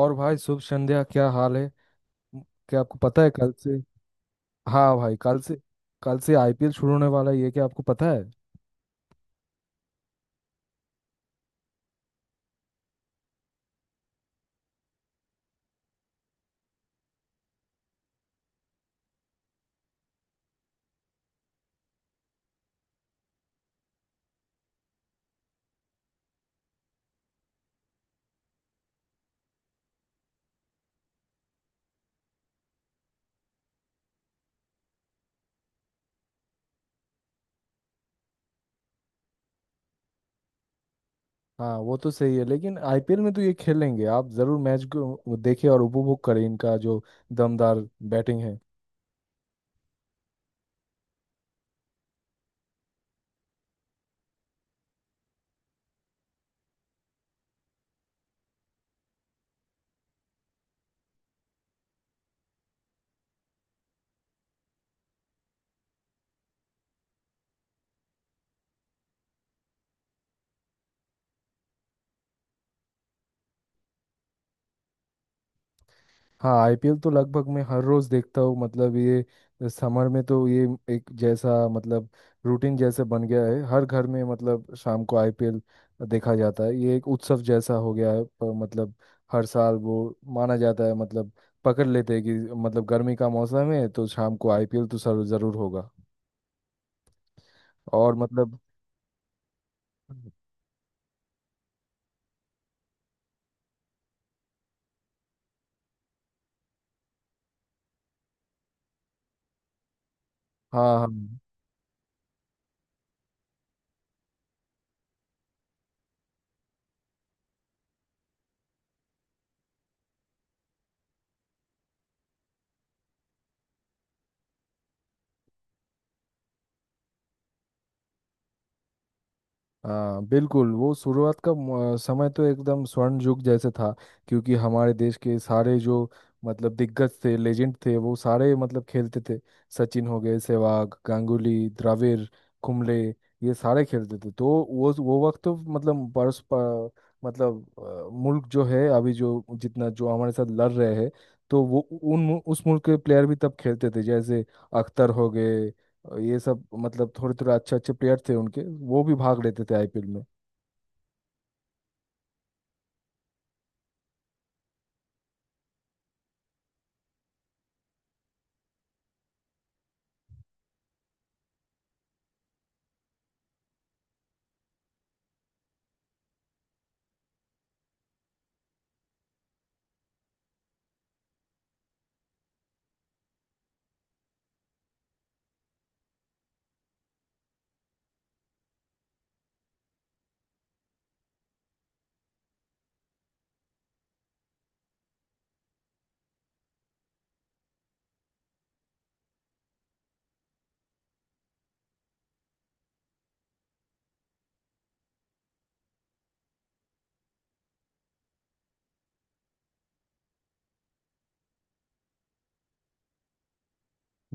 और भाई, शुभ संध्या। क्या हाल है? म- क्या आपको पता है कल से? हाँ भाई, कल से। कल से आईपीएल शुरू होने वाला है, ये क्या आपको पता है? हाँ, वो तो सही है, लेकिन आईपीएल में तो ये खेलेंगे। आप जरूर मैच को देखें और उपभोग करें इनका जो दमदार बैटिंग है। हाँ, आईपीएल तो लगभग मैं हर रोज देखता हूँ। मतलब ये समर में तो ये एक जैसा, मतलब रूटीन जैसे बन गया है हर घर में। मतलब शाम को आईपीएल देखा जाता है। ये एक उत्सव जैसा हो गया है, पर मतलब हर साल वो माना जाता है। मतलब पकड़ लेते हैं कि मतलब गर्मी का मौसम है, तो शाम को आईपीएल तो जरूर होगा। और मतलब। हाँ, हाँ, हाँ। बिल्कुल, वो शुरुआत का समय तो एकदम स्वर्ण युग जैसे था। क्योंकि हमारे देश के सारे जो मतलब दिग्गज थे, लेजेंड थे, वो सारे मतलब खेलते थे। सचिन हो गए, सहवाग, गांगुली, द्रविड़, कुंबले, ये सारे खेलते थे। तो वो वक्त तो मतलब मतलब मुल्क जो है अभी, जो जितना जो हमारे साथ लड़ रहे हैं, तो वो उन उस मुल्क के प्लेयर भी तब खेलते थे, जैसे अख्तर हो गए। और ये सब मतलब थोड़े थोड़े अच्छे अच्छे प्लेयर थे उनके, वो भी भाग लेते थे आईपीएल में।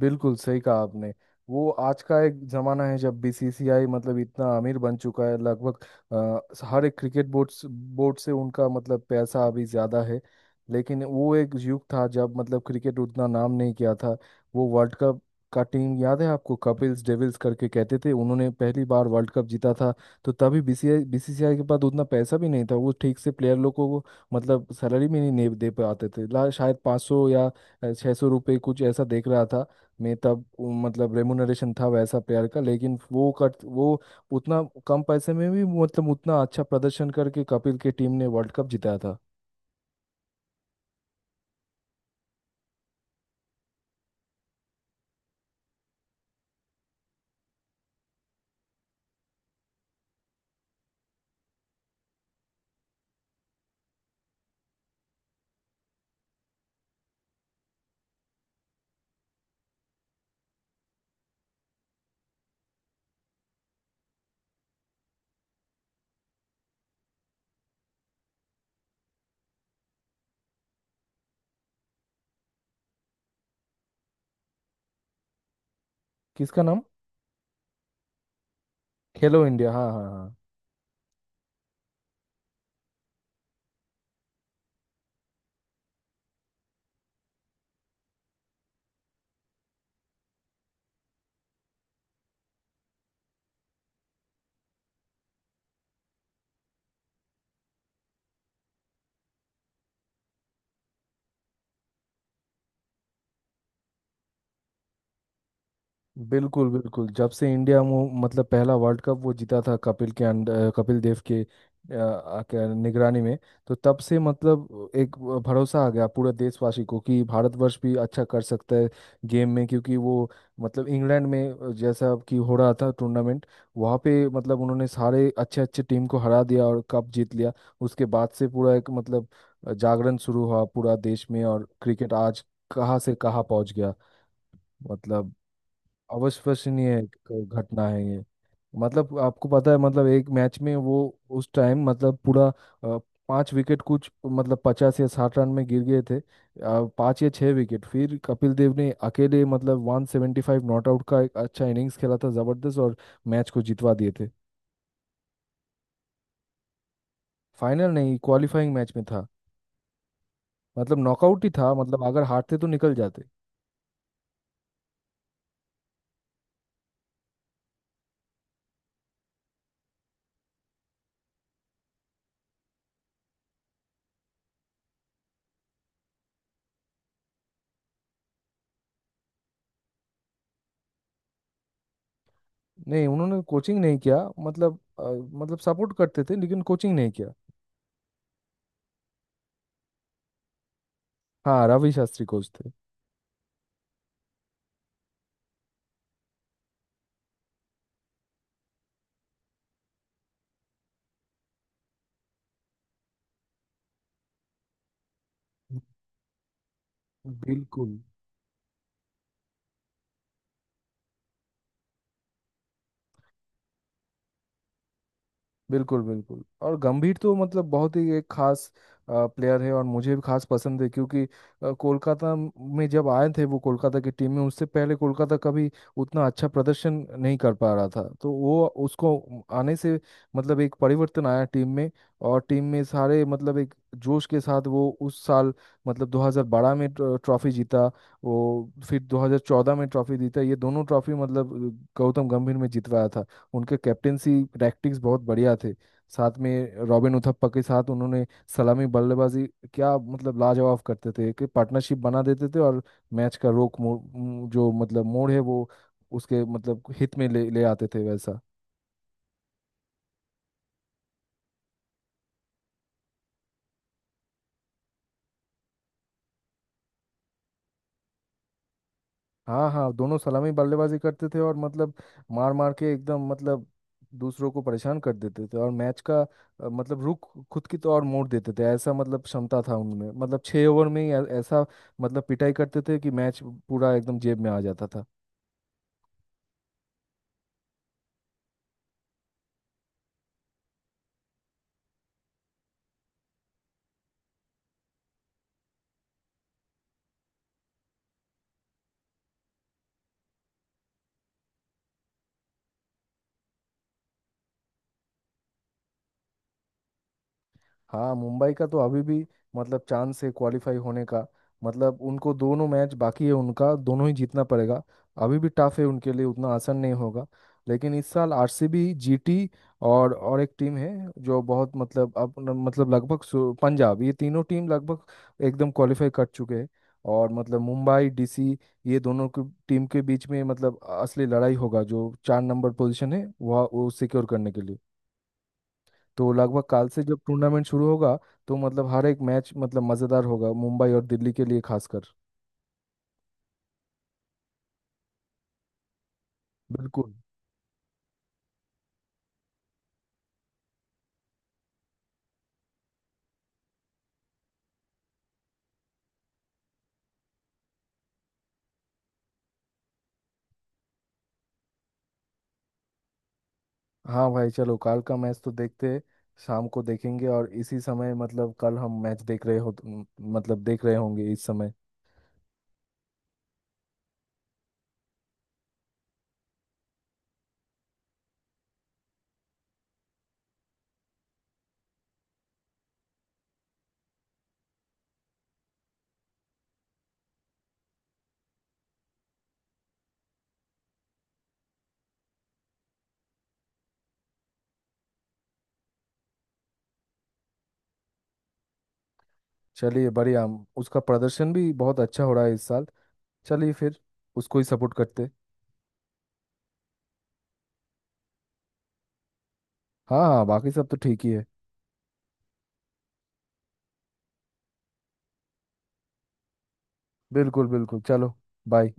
बिल्कुल सही कहा आपने। वो आज का एक जमाना है जब बीसीसीआई मतलब इतना अमीर बन चुका है, लगभग हर एक क्रिकेट बोर्ड से उनका मतलब पैसा अभी ज्यादा है। लेकिन वो एक युग था जब मतलब क्रिकेट उतना नाम नहीं किया था। वो वर्ल्ड कप का टीम याद है आपको? कपिल्स डेविल्स करके कहते थे, उन्होंने पहली बार वर्ल्ड कप जीता था। तो तभी बीसीसीआई बीसीसीआई के पास उतना पैसा भी नहीं था। वो ठीक से प्लेयर लोग को मतलब सैलरी भी नहीं दे दे पाते थे। शायद 500 या 600 रुपये, कुछ ऐसा देख रहा था में, तब वो मतलब रेमुनरेशन था वैसा प्लेयर का। लेकिन वो उतना कम पैसे में भी मतलब उतना अच्छा प्रदर्शन करके कपिल के टीम ने वर्ल्ड कप जिताया था। किसका नाम? खेलो इंडिया, हाँ, हाँ, हाँ। बिल्कुल, बिल्कुल, जब से इंडिया मतलब पहला वर्ल्ड कप वो जीता था कपिल के अंडर, कपिल देव के निगरानी में, तो तब से मतलब एक भरोसा आ गया पूरे देशवासी को कि भारतवर्ष भी अच्छा कर सकता है गेम में। क्योंकि वो मतलब इंग्लैंड में जैसा कि हो रहा था टूर्नामेंट, वहाँ पे मतलब उन्होंने सारे अच्छे अच्छे टीम को हरा दिया और कप जीत लिया। उसके बाद से पूरा एक मतलब जागरण शुरू हुआ पूरा देश में, और क्रिकेट आज कहाँ से कहाँ पहुँच गया। मतलब अविश्वसनीय एक घटना है ये। मतलब आपको पता है, मतलब एक मैच में वो उस टाइम मतलब पूरा अ, पांच विकेट कुछ, मतलब 50 या 60 रन में गिर गए थे, पांच या छह विकेट। फिर कपिल देव ने अकेले मतलब 175 नॉट आउट का एक अच्छा इनिंग्स खेला था जबरदस्त, और मैच को जितवा दिए थे। फाइनल नहीं, क्वालिफाइंग मैच में था। मतलब नॉकआउट ही था, मतलब अगर हारते तो निकल जाते। नहीं, उन्होंने कोचिंग नहीं किया। मतलब मतलब सपोर्ट करते थे लेकिन कोचिंग नहीं किया। हाँ, रवि शास्त्री कोच थे। बिल्कुल। बिल्कुल, बिल्कुल, और गंभीर तो मतलब बहुत ही एक खास प्लेयर है, और मुझे भी खास पसंद है। क्योंकि कोलकाता में जब आए थे वो, कोलकाता की टीम में, उससे पहले कोलकाता कभी उतना अच्छा प्रदर्शन नहीं कर पा रहा था। तो वो उसको आने से मतलब एक परिवर्तन आया टीम में, और टीम में सारे मतलब एक जोश के साथ वो उस साल मतलब 2012 में ट्रॉफी जीता। वो फिर 2014 में ट्रॉफी जीता। ये दोनों ट्रॉफी मतलब गौतम गंभीर में जितवाया था। उनके कैप्टेंसी रैक्टिक्स बहुत बढ़िया थे। साथ में रॉबिन उथप्पा के साथ उन्होंने सलामी बल्लेबाजी क्या मतलब लाजवाब करते थे कि पार्टनरशिप बना देते थे। और मैच का रोक मोड़, जो मतलब मोड़ है वो, उसके मतलब हित में ले ले आते थे वैसा। हाँ, हाँ, दोनों सलामी बल्लेबाजी करते थे। और मतलब मार मार के एकदम मतलब दूसरों को परेशान कर देते थे, और मैच का मतलब रुख खुद की तो और मोड़ देते थे। ऐसा मतलब क्षमता था उनमें, मतलब छः ओवर में ही ऐसा मतलब पिटाई करते थे कि मैच पूरा एकदम जेब में आ जाता था। हाँ, मुंबई का तो अभी भी मतलब चांस है क्वालिफाई होने का। मतलब उनको दोनों मैच बाकी है, उनका दोनों ही जीतना पड़ेगा। अभी भी टफ है उनके लिए, उतना आसान नहीं होगा। लेकिन इस साल आरसीबी, जीटी, और एक टीम है जो बहुत मतलब अब न- मतलब लगभग पंजाब, ये तीनों टीम लगभग एकदम क्वालिफाई कर चुके हैं। और मतलब मुंबई, डीसी, ये दोनों की टीम के बीच में मतलब असली लड़ाई होगा, जो चार नंबर पोजीशन है वह वो सिक्योर करने के लिए। तो लगभग काल से जब टूर्नामेंट शुरू होगा, तो मतलब हर एक मैच मतलब मज़ेदार होगा, मुंबई और दिल्ली के लिए खासकर। बिल्कुल। हाँ भाई, चलो, कल का मैच तो देखते हैं। शाम को देखेंगे, और इसी समय मतलब कल हम मैच देख रहे हो, मतलब देख रहे होंगे इस समय। चलिए बढ़िया, उसका प्रदर्शन भी बहुत अच्छा हो रहा है इस साल। चलिए फिर, उसको ही सपोर्ट करते। हाँ, हाँ, बाकी सब तो ठीक ही है। बिल्कुल, बिल्कुल, चलो। बाय।